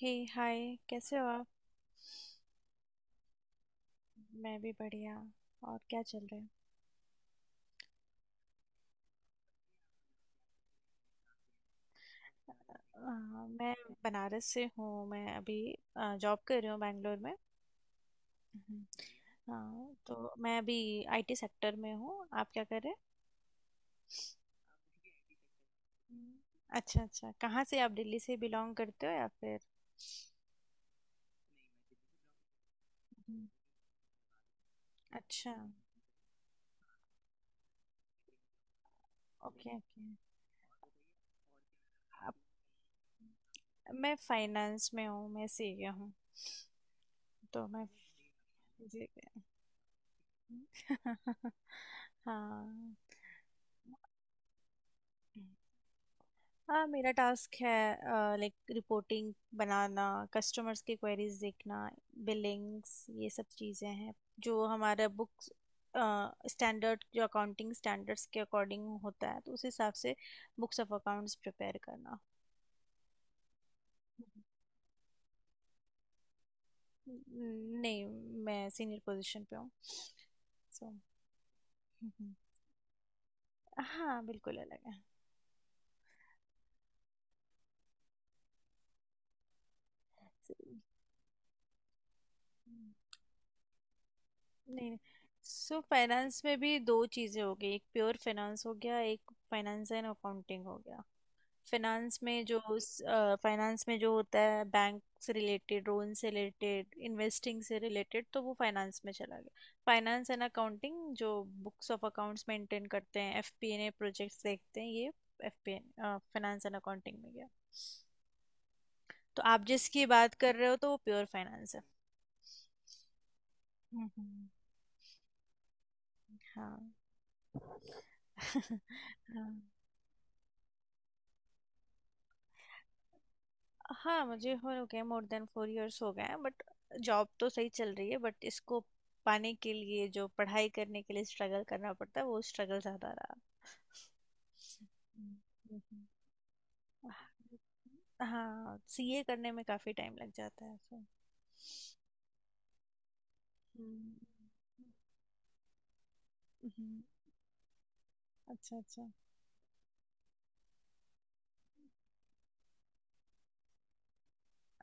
हे। Hi. कैसे हो आप? मैं भी बढ़िया। और क्या चल रहा है? मैं बनारस से हूँ। मैं अभी जॉब कर रही हूँ बैंगलोर में। हम्म। हाँ तो मैं अभी आईटी सेक्टर में हूँ। आप क्या कर रहे हैं? हम्म। अच्छा अच्छा, कहाँ से आप? दिल्ली से बिलोंग करते हो या फिर? हम्म। अच्छा। Okay okay. आप? मैं फाइनेंस में हूँ। मैं सीए हूँ। तो मैं, जी। हाँ। हाँ मेरा टास्क है लाइक रिपोर्टिंग बनाना, कस्टमर्स की क्वेरीज देखना, बिलिंग्स, ये सब चीज़ें हैं जो हमारा बुक्स स्टैंडर्ड, जो अकाउंटिंग स्टैंडर्ड्स के अकॉर्डिंग होता है तो उस हिसाब से बुक्स ऑफ अकाउंट्स प्रिपेयर करना। नहीं। मैं सीनियर पोजीशन पे हूँ। सो, हाँ बिल्कुल अलग है। नहीं नहीं। सो फाइनेंस में भी दो चीज़ें हो गई। एक प्योर फाइनेंस हो गया, एक फाइनेंस एंड अकाउंटिंग हो गया। फाइनेंस में जो फाइनेंस में जो होता है बैंक से रिलेटेड, लोन से रिलेटेड, इन्वेस्टिंग से रिलेटेड, तो वो फाइनेंस में चला गया। फाइनेंस एंड अकाउंटिंग जो बुक्स ऑफ अकाउंट्स मेंटेन करते हैं, एफपीएनए प्रोजेक्ट्स देखते हैं, ये एफपीए फाइनेंस एंड अकाउंटिंग में गया। तो आप जिसकी बात कर रहे हो तो वो प्योर फाइनेंस है। हम्म। हाँ। हाँ। हाँ मुझे हो गए, मोर देन 4 इयर्स हो गए हैं। बट जॉब तो सही चल रही है, बट इसको पाने के लिए जो पढ़ाई करने के लिए स्ट्रगल करना पड़ता है वो स्ट्रगल ज़्यादा रहा। हम्म, हम्म। हाँ सीए करने में काफ़ी टाइम लग जाता है। सो, हम्म, हम्म। अच्छा अच्छा।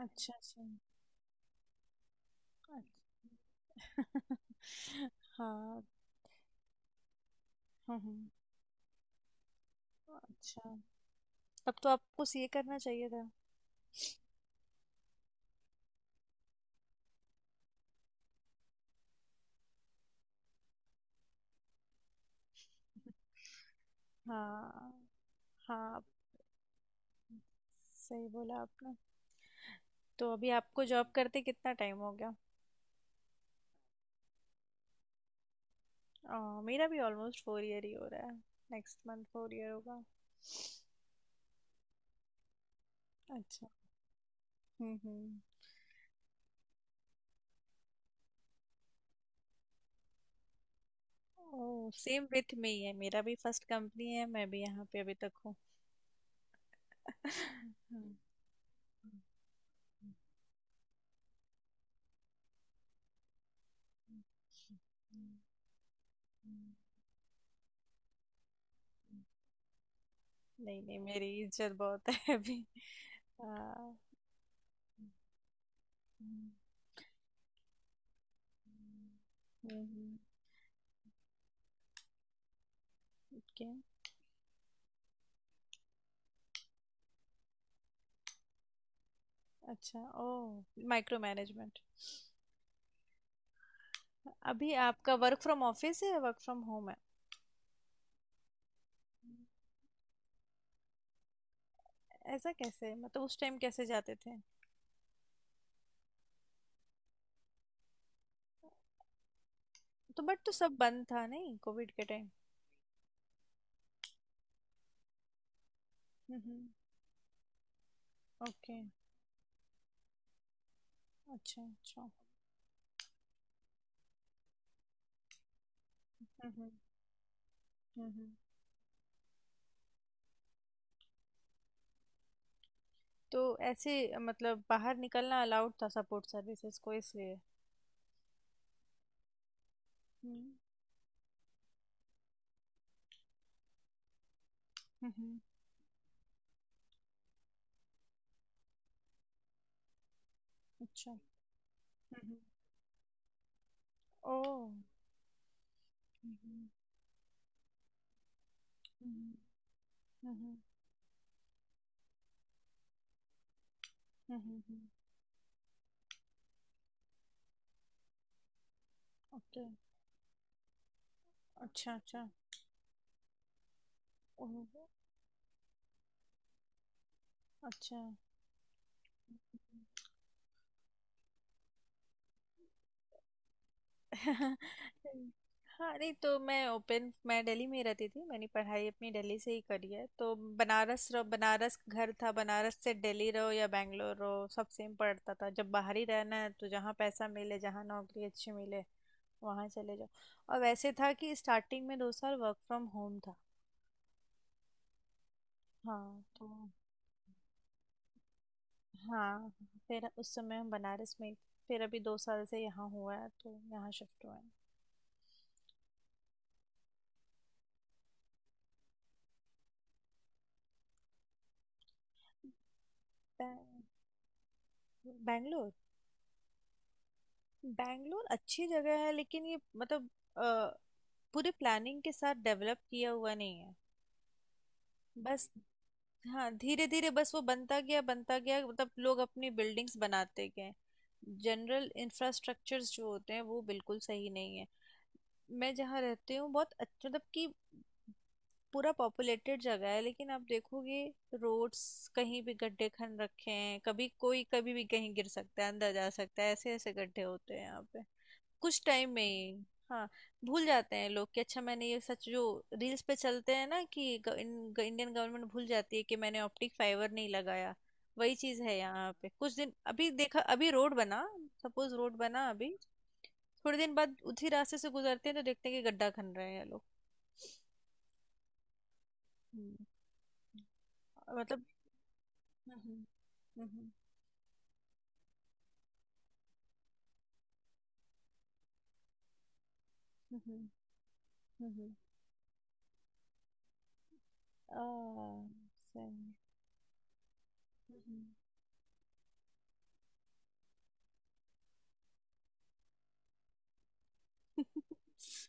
अच्छा अच्छा। अच्छा। हाँ। हम्म हम्म। अच्छा। तब तो आपको सीए करना चाहिए था। हाँ हाँ, सही बोला आपने। तो अभी आपको जॉब करते कितना टाइम हो गया? मेरा भी ऑलमोस्ट 4 ईयर ही हो रहा है। नेक्स्ट मंथ 4 ईयर होगा। अच्छा। हम्म। ओह, सेम विथ मी है। मेरा भी फर्स्ट कंपनी है, मैं भी यहाँ पे अभी तक हूँ। नहीं नहीं, मेरी इज्जत बहुत है अभी। हाँ। हम्म। ओके। अच्छा। Oh, micro management. अभी आपका वर्क फ्रॉम ऑफिस है या वर्क फ्रॉम होम है? ऐसा कैसे? मतलब उस टाइम कैसे जाते थे? तो बट तो सब बंद था नहीं कोविड के टाइम? हम्म। ओके। अच्छा अच्छा। हम्म हम्म। तो ऐसे मतलब बाहर निकलना अलाउड था सपोर्ट सर्विसेज को इसलिए? हम्म। हम्म। अच्छा। हम्म। ओ। हम्म। हम्म। हम्म। हम्म। ओके। अच्छा अच्छा। ओह, अच्छा। हाँ नहीं, तो मैं दिल्ली में ही रहती थी, मैंने पढ़ाई अपनी दिल्ली से ही करी है। तो बनारस रहो, बनारस घर था, बनारस से दिल्ली रहो या बैंगलोर रहो सब सेम पड़ता था। जब बाहर ही रहना है तो जहाँ पैसा मिले, जहाँ नौकरी अच्छी मिले वहाँ चले जाओ। और वैसे था कि स्टार्टिंग में 2 साल वर्क फ्रॉम होम था। हाँ तो, हाँ, फिर उस समय हम बनारस में। फिर अभी 2 साल से यहाँ हुआ है तो यहाँ शिफ्ट हुआ है। बैंगलोर बैंगलोर अच्छी जगह है, लेकिन ये मतलब अ, पूरे प्लानिंग के साथ डेवलप किया हुआ नहीं है। बस, हाँ, धीरे धीरे बस वो बनता गया बनता गया, मतलब लोग अपनी बिल्डिंग्स बनाते गए। जनरल इंफ्रास्ट्रक्चर्स जो होते हैं वो बिल्कुल सही नहीं है। मैं जहाँ रहती हूँ बहुत मतलब कि पूरा पॉपुलेटेड जगह है, लेकिन आप देखोगे रोड्स, कहीं भी गड्ढे खन रखे हैं। कभी कोई कभी भी कहीं गिर सकता है, अंदर जा सकता है, ऐसे ऐसे गड्ढे होते हैं यहाँ पे। कुछ टाइम में ही, हाँ, भूल जाते हैं लोग कि अच्छा मैंने ये, सच जो रील्स पे चलते हैं ना कि इंडियन गवर्नमेंट भूल जाती है कि मैंने ऑप्टिक फाइबर नहीं लगाया। वही चीज है यहाँ पे, कुछ दिन अभी देखा अभी रोड बना, सपोज रोड बना अभी, थोड़े दिन बाद उसी रास्ते से गुजरते हैं तो देखते हैं कि गड्ढा खन रहे हैं ये लोग। हम्म, मतलब। हम्म हम्म। हम्म। हम्म। आ, सही। हम्म।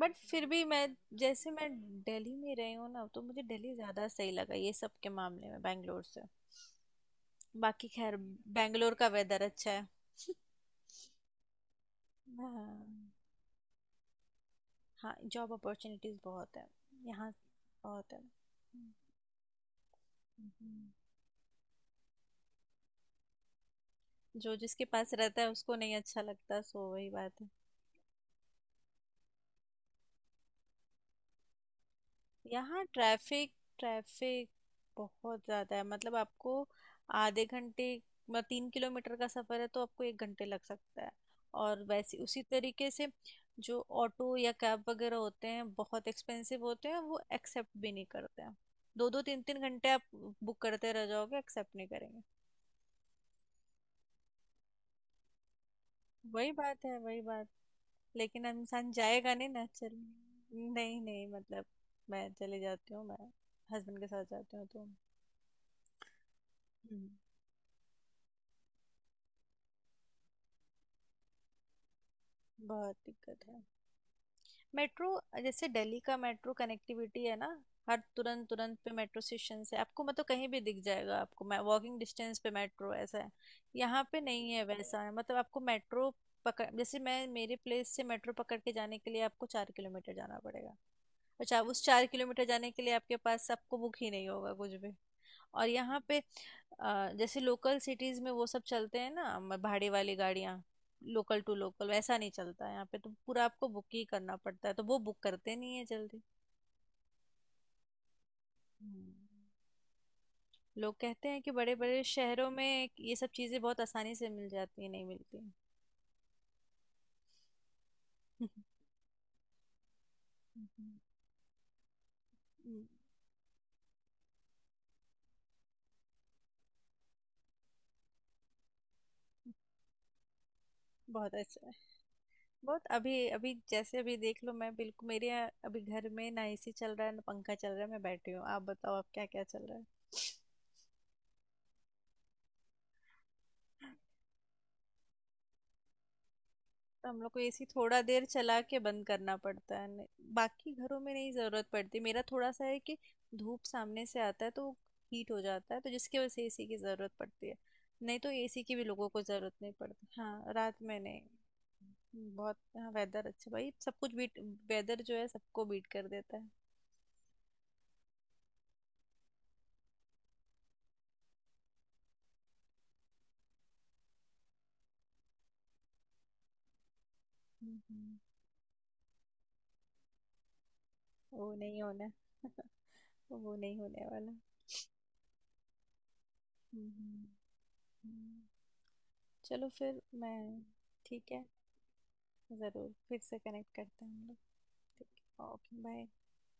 बट फिर भी मैं, जैसे मैं दिल्ली में रही हूँ ना तो मुझे दिल्ली ज़्यादा सही लगा ये सब के मामले में बैंगलोर से। बाकी खैर, बैंगलोर का वेदर अच्छा है। हाँ। हाँ जॉब अपॉर्चुनिटीज़ बहुत है यहाँ, बहुत है। हम्म। जो जिसके पास रहता है उसको नहीं अच्छा लगता, सो वही बात है। यहाँ ट्रैफिक, ट्रैफिक बहुत ज़्यादा है। मतलब आपको आधे घंटे, मतलब 3 किलोमीटर का सफ़र है तो आपको 1 घंटे लग सकता है। और वैसे उसी तरीके से, जो ऑटो या कैब वगैरह होते हैं, बहुत एक्सपेंसिव होते हैं, वो एक्सेप्ट भी नहीं करते हैं। दो दो तीन तीन घंटे आप बुक करते रह जाओगे, एक्सेप्ट नहीं करेंगे। वही बात है, वही बात। लेकिन अब इंसान जाएगा नहीं ना चल। नहीं नहीं, मतलब मैं चले जाती हूँ, मैं हस्बैंड के साथ जाती हूँ तो। हम्म। बहुत दिक्कत है। मेट्रो, जैसे दिल्ली का मेट्रो कनेक्टिविटी है ना, हर तुरंत तुरंत पे मेट्रो स्टेशन है आपको। मतलब कहीं भी दिख जाएगा आपको, मैं वॉकिंग डिस्टेंस पे मेट्रो ऐसा है। यहाँ पे नहीं है वैसा है, मतलब आपको मेट्रो पकड़, जैसे मैं मेरे प्लेस से मेट्रो पकड़ के जाने के लिए आपको 4 किलोमीटर जाना पड़ेगा। और चार उस 4 किलोमीटर जाने के लिए आपके पास, आपको बुक ही नहीं होगा कुछ भी। और यहाँ पे, जैसे लोकल सिटीज में वो सब चलते हैं ना, भाड़े वाली गाड़ियाँ, लोकल टू लोकल वैसा नहीं चलता है यहाँ पे। तो पूरा आपको बुक ही करना पड़ता है, तो वो बुक करते नहीं है जल्दी। हम्म, लोग कहते हैं कि बड़े बड़े शहरों में ये सब चीज़ें बहुत आसानी से मिल जाती है, नहीं मिलती। हम्म। हम्म, बहुत अच्छा है बहुत। अभी अभी जैसे अभी देख लो, मैं बिल्कुल मेरे यहाँ अभी घर में ना एसी चल रहा है ना पंखा चल रहा है, मैं बैठी हूँ। आप बताओ आप, क्या क्या चल रहा है? तो हम लोग को एसी थोड़ा देर चला के बंद करना पड़ता है। बाकी घरों में नहीं ज़रूरत पड़ती, मेरा थोड़ा सा है कि धूप सामने से आता है तो हीट हो जाता है, तो जिसकी वजह से एसी की ज़रूरत पड़ती है। नहीं तो एसी की भी लोगों को ज़रूरत नहीं पड़ती, हाँ रात में नहीं। बहुत, हाँ, वेदर अच्छा भाई। सब कुछ बीट, वेदर जो है सबको बीट कर देता है। हम्म। वो नहीं होना। वो नहीं होने वाला। हम्म, हम्म, हम्म। चलो फिर मैं, ठीक है, ज़रूर फिर से कनेक्ट करते हैं हम लोग। तो कि बाओ, कि बाए।